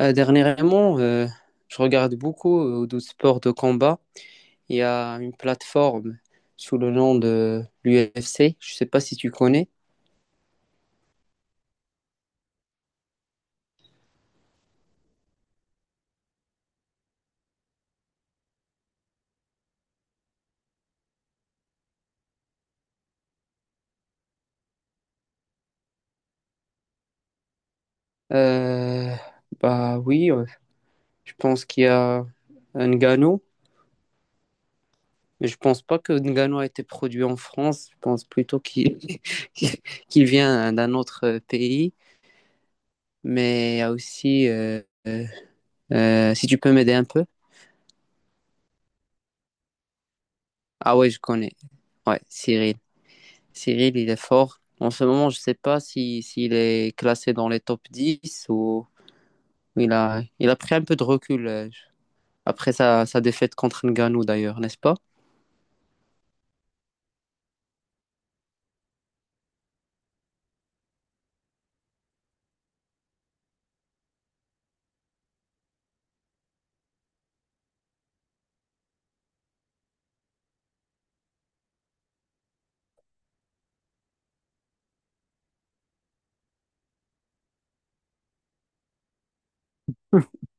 Dernièrement, je regarde beaucoup de sports de combat. Il y a une plateforme sous le nom de l'UFC. Je ne sais pas si tu connais. Euh, bah oui, je pense qu'il y a Ngannou, mais je pense pas que Ngannou a été produit en France. Je pense plutôt qu'il qu'il vient d'un autre pays. Mais il y a aussi, si tu peux m'aider un peu. Ah ouais, je connais. Ouais, Cyril. Cyril, il est fort. En ce moment, je ne sais pas si, s'il est classé dans les top 10 ou il a pris un peu de recul après sa défaite contre Ngannou d'ailleurs, n'est-ce pas?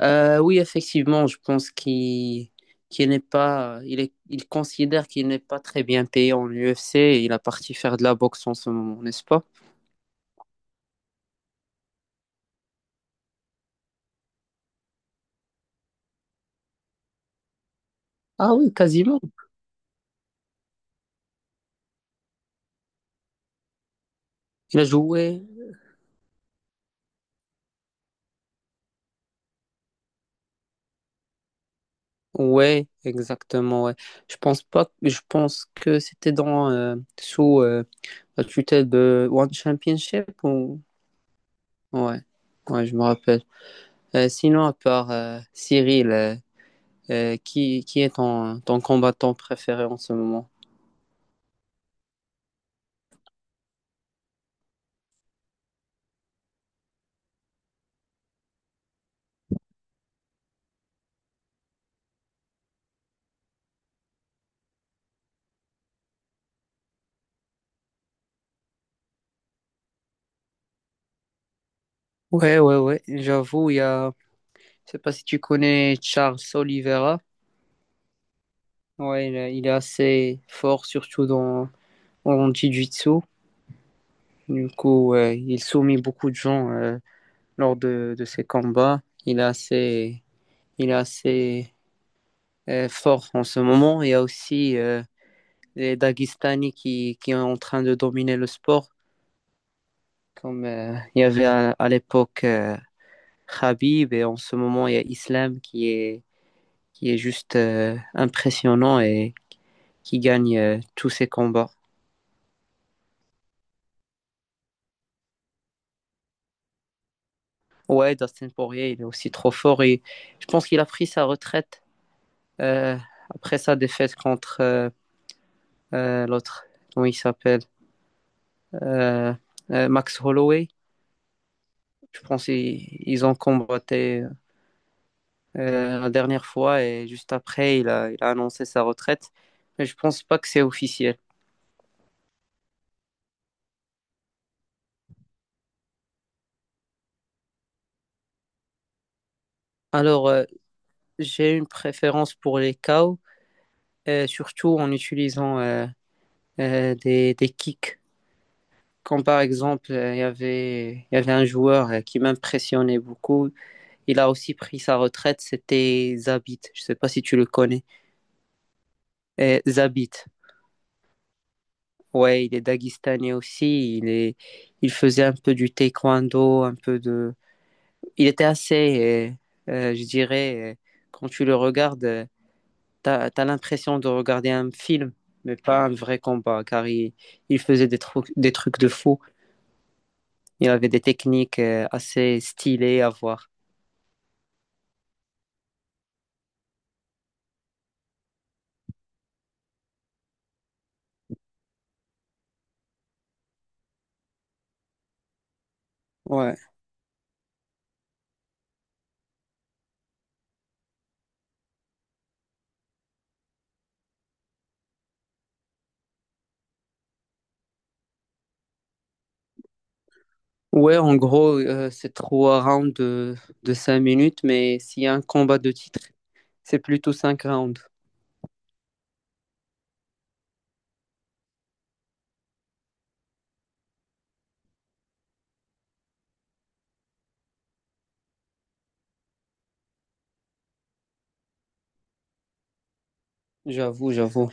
Oui, effectivement, je pense qu'il n'est pas, il est, il considère qu'il n'est pas très bien payé en UFC et il a parti faire de la boxe en ce moment, n'est-ce pas? Ah oui, quasiment. Il a joué. Ouais, exactement, ouais. Je pense pas, je pense que c'était dans sous la tutelle de One Championship ou... Ouais, ouais, je me rappelle. Sinon, à part Cyril, qui est ton combattant préféré en ce moment? Ouais, ouais, ouais, j'avoue, il y a... Je sais pas si tu connais Charles Oliveira. Ouais, il est assez fort, surtout dans en jiu-jitsu. Du coup, ouais, il soumet beaucoup de gens lors de ses combats. Il est assez fort en ce moment. Il y a aussi les Dagestani qui sont en train de dominer le sport, comme il y avait à l'époque Khabib, et en ce moment il y a Islam qui est juste impressionnant et qui gagne tous ses combats. Ouais, Dustin Poirier, il est aussi trop fort et je pense qu'il a pris sa retraite euh, après sa défaite contre l'autre, comment il s'appelle, Euh, Max Holloway. Je pense qu'ils ils ont combattu la dernière fois et juste après, il a annoncé sa retraite. Mais je pense pas que c'est officiel. Alors, j'ai une préférence pour les KO, surtout en utilisant des kicks. Comme par exemple, il y avait un joueur qui m'impressionnait beaucoup. Il a aussi pris sa retraite, c'était Zabit. Je sais pas si tu le connais. Zabit, ouais, il est daguestanais aussi. Il est, il faisait un peu du taekwondo, un peu de il était assez, je dirais, quand tu le regardes, t'as l'impression de regarder un film, mais pas un vrai combat, car il faisait des trucs de fou. Il avait des techniques assez stylées à voir. Ouais. Ouais, en gros, c'est trois rounds de 5 minutes, mais s'il y a un combat de titre, c'est plutôt 5 rounds. J'avoue, j'avoue.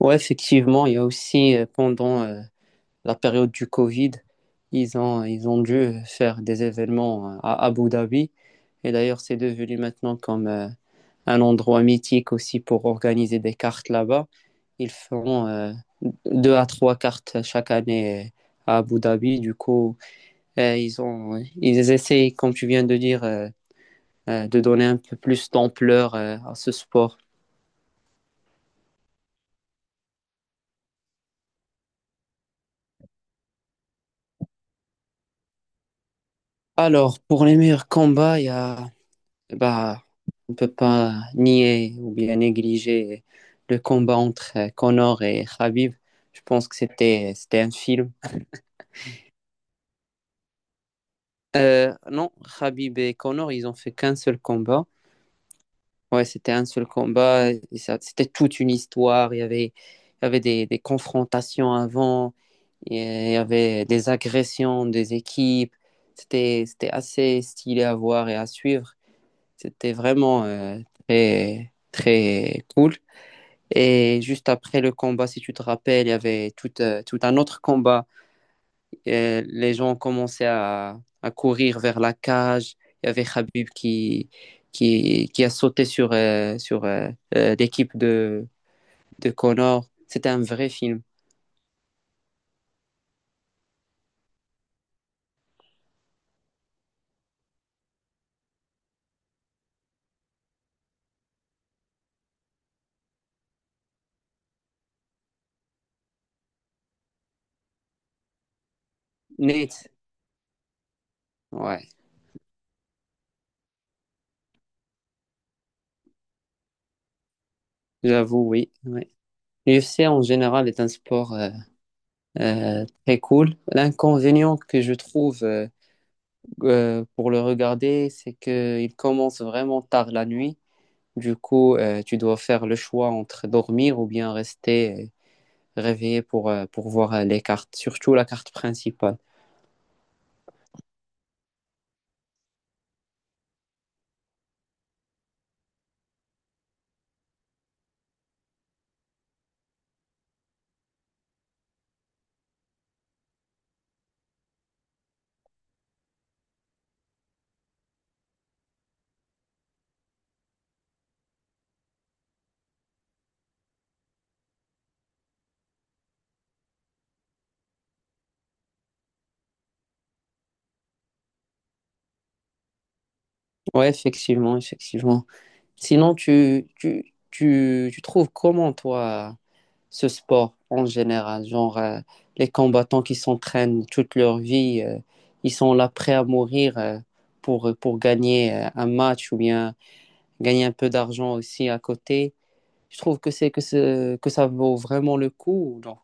Ouais, effectivement, il y a aussi pendant la période du Covid, ils ont dû faire des événements à Abu Dhabi. Et d'ailleurs, c'est devenu maintenant comme un endroit mythique aussi pour organiser des cartes là-bas. Ils feront deux à trois cartes chaque année à Abu Dhabi. Du coup, ils essayent, comme tu viens de dire, de donner un peu plus d'ampleur à ce sport. Alors, pour les meilleurs combats, il y a bah, on ne peut pas nier ou bien négliger le combat entre Connor et Khabib. Je pense que c'était un film. Non, Khabib et Connor, ils ont fait qu'un seul combat. Ouais, c'était un seul combat. C'était toute une histoire. Il y avait des confrontations avant, et il y avait des agressions des équipes. C'était, c'était assez stylé à voir et à suivre. C'était vraiment très, très cool. Et juste après le combat, si tu te rappelles, il y avait tout un autre combat. Et les gens commençaient à courir vers la cage. Il y avait Khabib qui a sauté sur l'équipe de Connor. C'était un vrai film. Nate, ouais, j'avoue, oui, ouais. L'UFC en général est un sport très cool. L'inconvénient que je trouve pour le regarder, c'est qu'il commence vraiment tard la nuit. Du coup, tu dois faire le choix entre dormir ou bien rester réveillé pour voir les cartes, surtout la carte principale. Ouais, effectivement, effectivement. Sinon, tu trouves comment, toi, ce sport en général? Genre, les combattants qui s'entraînent toute leur vie, ils sont là prêts à mourir pour gagner un match ou bien gagner un peu d'argent aussi à côté. Je trouve que que ça vaut vraiment le coup ou non?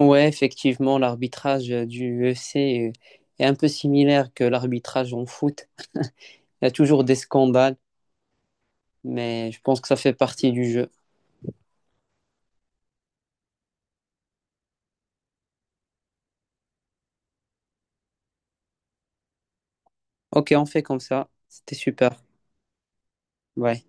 Ouais, effectivement, l'arbitrage du UFC est un peu similaire que l'arbitrage en foot. Il y a toujours des scandales, mais je pense que ça fait partie du jeu. Ok, on fait comme ça. C'était super. Ouais.